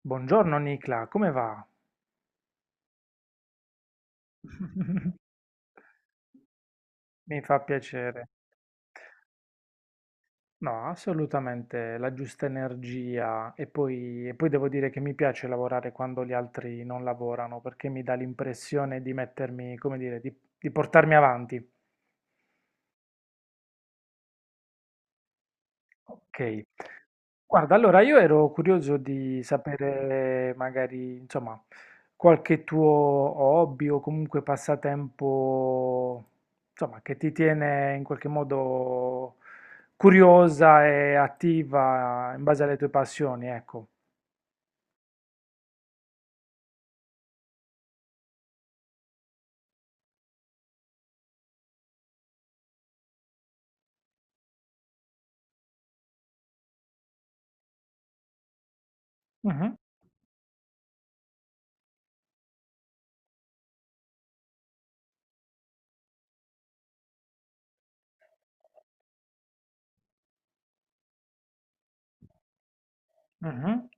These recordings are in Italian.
Buongiorno Nicla, come va? Mi fa piacere. No, assolutamente la giusta energia e poi devo dire che mi piace lavorare quando gli altri non lavorano perché mi dà l'impressione di mettermi, come dire, di portarmi avanti. Ok, guarda, allora io ero curioso di sapere magari, insomma, qualche tuo hobby o comunque passatempo, insomma, che ti tiene in qualche modo curiosa e attiva in base alle tue passioni, ecco. Mhm, mhm,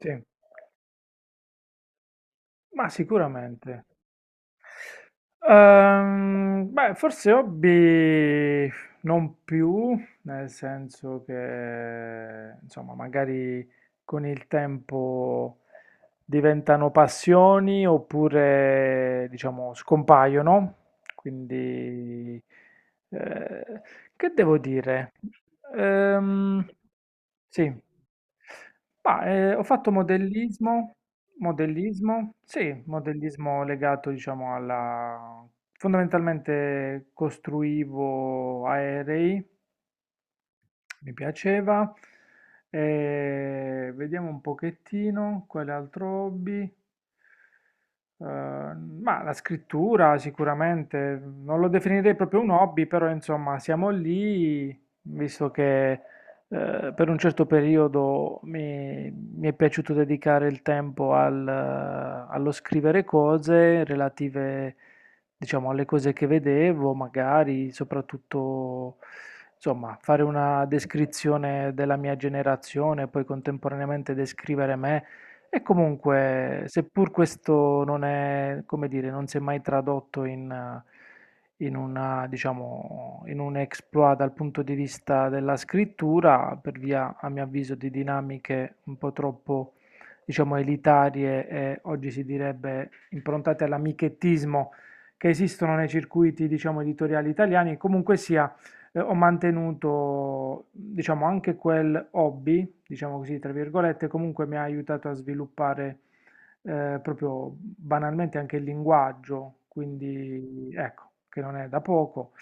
sì, ma sicuramente. Beh, forse hobby non più, nel senso che, insomma, magari con il tempo diventano passioni oppure, diciamo, scompaiono. Quindi, eh, che devo dire? Ehm, sì, ma ho fatto modellismo, modellismo, sì, modellismo legato, diciamo, alla... Fondamentalmente costruivo aerei, mi piaceva. Vediamo un pochettino, quale altro hobby? Ma la scrittura sicuramente, non lo definirei proprio un hobby, però insomma siamo lì, visto che per un certo periodo mi è piaciuto dedicare il tempo al, allo scrivere cose relative, diciamo, alle cose che vedevo, magari soprattutto, insomma, fare una descrizione della mia generazione, poi contemporaneamente descrivere me. E comunque, seppur questo non è, come dire, non si è mai tradotto in, in una, diciamo, in un exploit dal punto di vista della scrittura, per via, a mio avviso, di dinamiche un po' troppo, diciamo, elitarie e oggi si direbbe improntate all'amichettismo che esistono nei circuiti, diciamo, editoriali italiani, comunque sia ho mantenuto, diciamo, anche quel hobby diciamo così, tra virgolette, comunque mi ha aiutato a sviluppare proprio banalmente anche il linguaggio, quindi ecco, che non è da poco.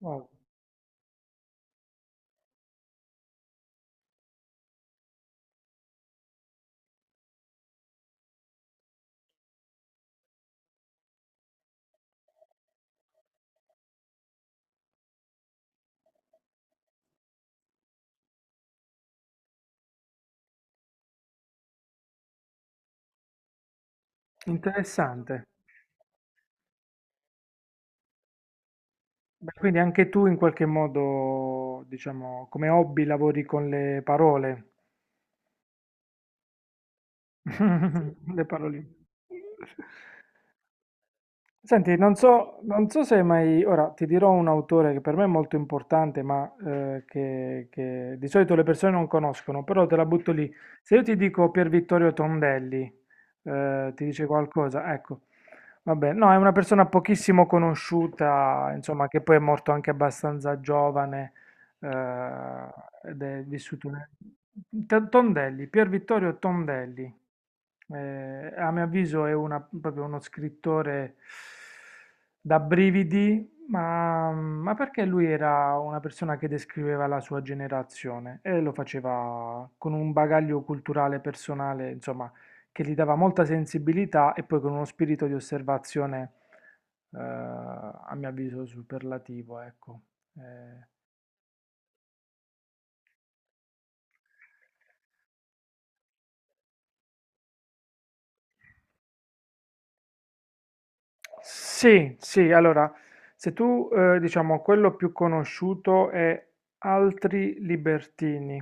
Wow, interessante. Beh, quindi anche tu in qualche modo, diciamo, come hobby lavori con le parole, le paroline. Senti, non so, non so se hai mai... Ora ti dirò un autore che per me è molto importante, ma che di solito le persone non conoscono, però te la butto lì. Se io ti dico Pier Vittorio Tondelli, ti dice qualcosa? Ecco, vabbè, no, è una persona pochissimo conosciuta, insomma, che poi è morto anche abbastanza giovane, eh, ed è vissuto nel... Tondelli, Pier Vittorio Tondelli, eh, a mio avviso è proprio uno scrittore da brividi, ma perché lui era una persona che descriveva la sua generazione e lo faceva con un bagaglio culturale personale, insomma, che gli dava molta sensibilità e poi con uno spirito di osservazione, a mio avviso, superlativo, ecco. Eh, sì, sì, allora, se tu, diciamo, quello più conosciuto è Altri Libertini,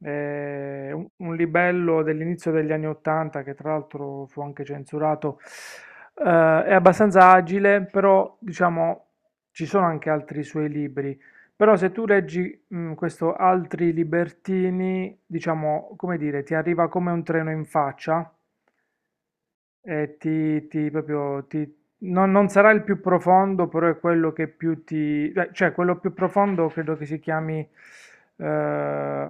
un libello dell'inizio degli anni Ottanta, che tra l'altro fu anche censurato, eh, è abbastanza agile, però, diciamo, ci sono anche altri suoi libri. Però se tu leggi, mm, questo Altri Libertini, diciamo, come dire, ti arriva come un treno in faccia, e ti proprio, non sarà il più profondo, però è quello che più ti... cioè, quello più profondo credo che si chiami... eh,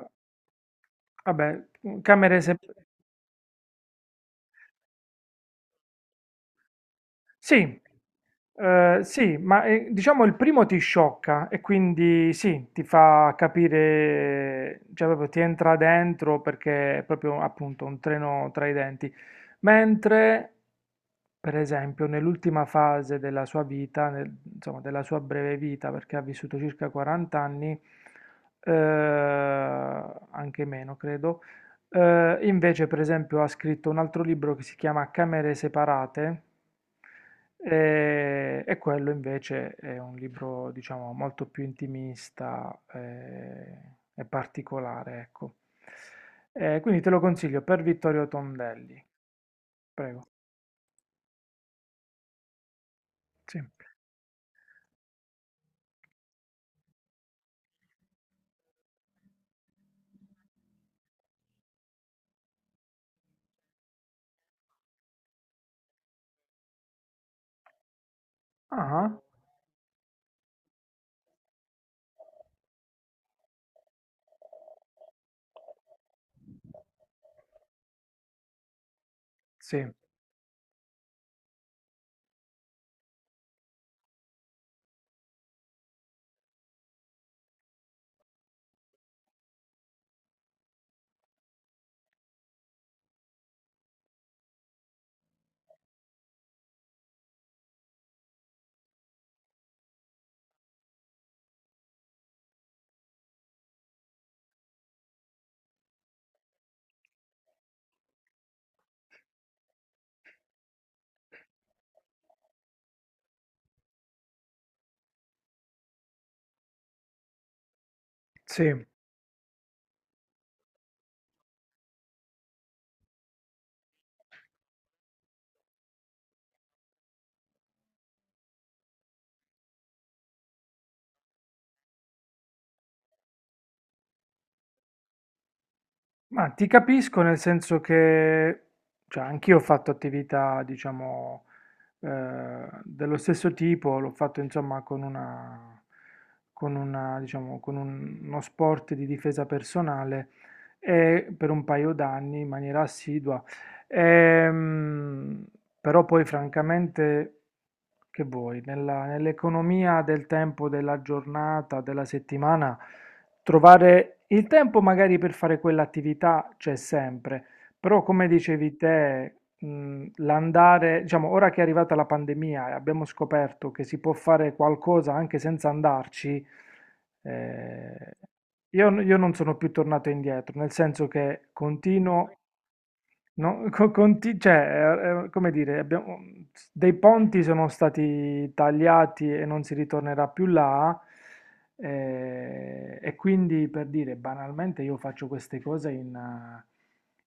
vabbè, camere... sep- sì, eh, sì, ma diciamo il primo ti sciocca e quindi sì, ti fa capire, cioè proprio ti entra dentro perché è proprio appunto un treno tra i denti. Mentre, per esempio, nell'ultima fase della sua vita, insomma della sua breve vita, perché ha vissuto circa 40 anni, eh, anche meno credo, invece per esempio ha scritto un altro libro che si chiama Camere separate e quello invece è un libro, diciamo, molto più intimista e particolare, ecco. Quindi te lo consiglio per Vittorio Tondelli, prego. Sì. Ah, sì, sì. Ma ti capisco nel senso che, cioè, anch'io ho fatto attività, diciamo, dello stesso tipo, l'ho fatto insomma con una, diciamo, con uno sport di difesa personale e per un paio d'anni in maniera assidua. Ehm, però poi francamente, che vuoi, nell'economia del tempo, della giornata, della settimana. Trovare il tempo magari per fare quell'attività c'è sempre, però come dicevi te, l'andare, diciamo, ora che è arrivata la pandemia e abbiamo scoperto che si può fare qualcosa anche senza andarci, eh, io non sono più tornato indietro, nel senso che continuo. No, cioè, come dire, dei ponti sono stati tagliati e non si ritornerà più là, e quindi per dire, banalmente io faccio queste cose in,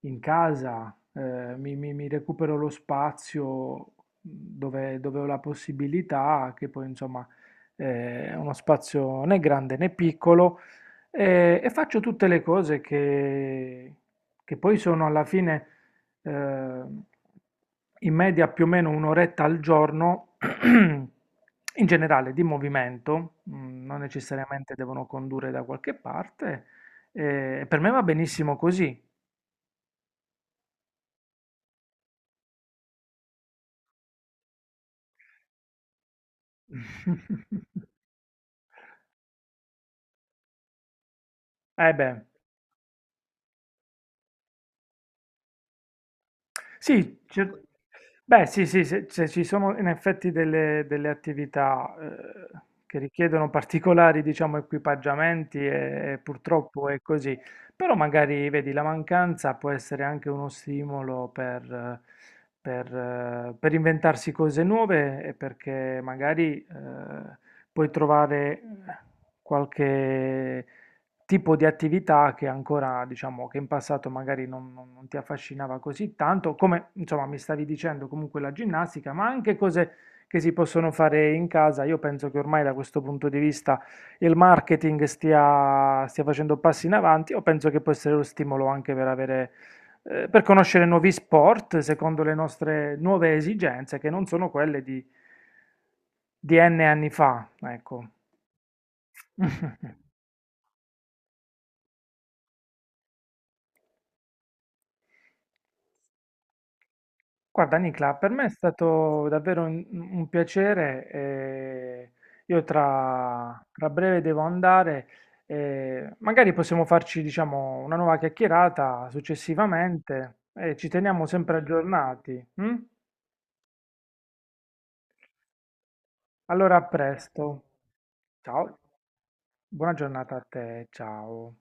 in casa, mi recupero lo spazio dove ho la possibilità, che poi insomma è uno spazio né grande né piccolo, e faccio tutte le cose che poi sono alla fine ehm, in media più o meno un'oretta al giorno, in generale di movimento, mm, non necessariamente devono condurre da qualche parte, e per me va benissimo così. Eh beh. Sì, cer- beh, sì, sì, se, se ci sono in effetti delle, delle attività che richiedono particolari, diciamo, equipaggiamenti e purtroppo è così, però magari, vedi, la mancanza può essere anche uno stimolo per inventarsi cose nuove e perché magari puoi trovare qualche tipo di attività che ancora, diciamo, che in passato magari non ti affascinava così tanto, come insomma mi stavi dicendo comunque la ginnastica, ma anche cose che si possono fare in casa. Io penso che ormai da questo punto di vista il marketing stia facendo passi in avanti, o penso che può essere lo stimolo anche per avere, per conoscere nuovi sport secondo le nostre nuove esigenze, che non sono quelle di N anni fa, ecco. Guarda Nicla, per me è stato davvero un piacere. Io tra breve devo andare. Magari possiamo farci, diciamo, una nuova chiacchierata successivamente e ci teniamo sempre aggiornati. Mm? Allora, a presto. Ciao, buona giornata a te. Ciao.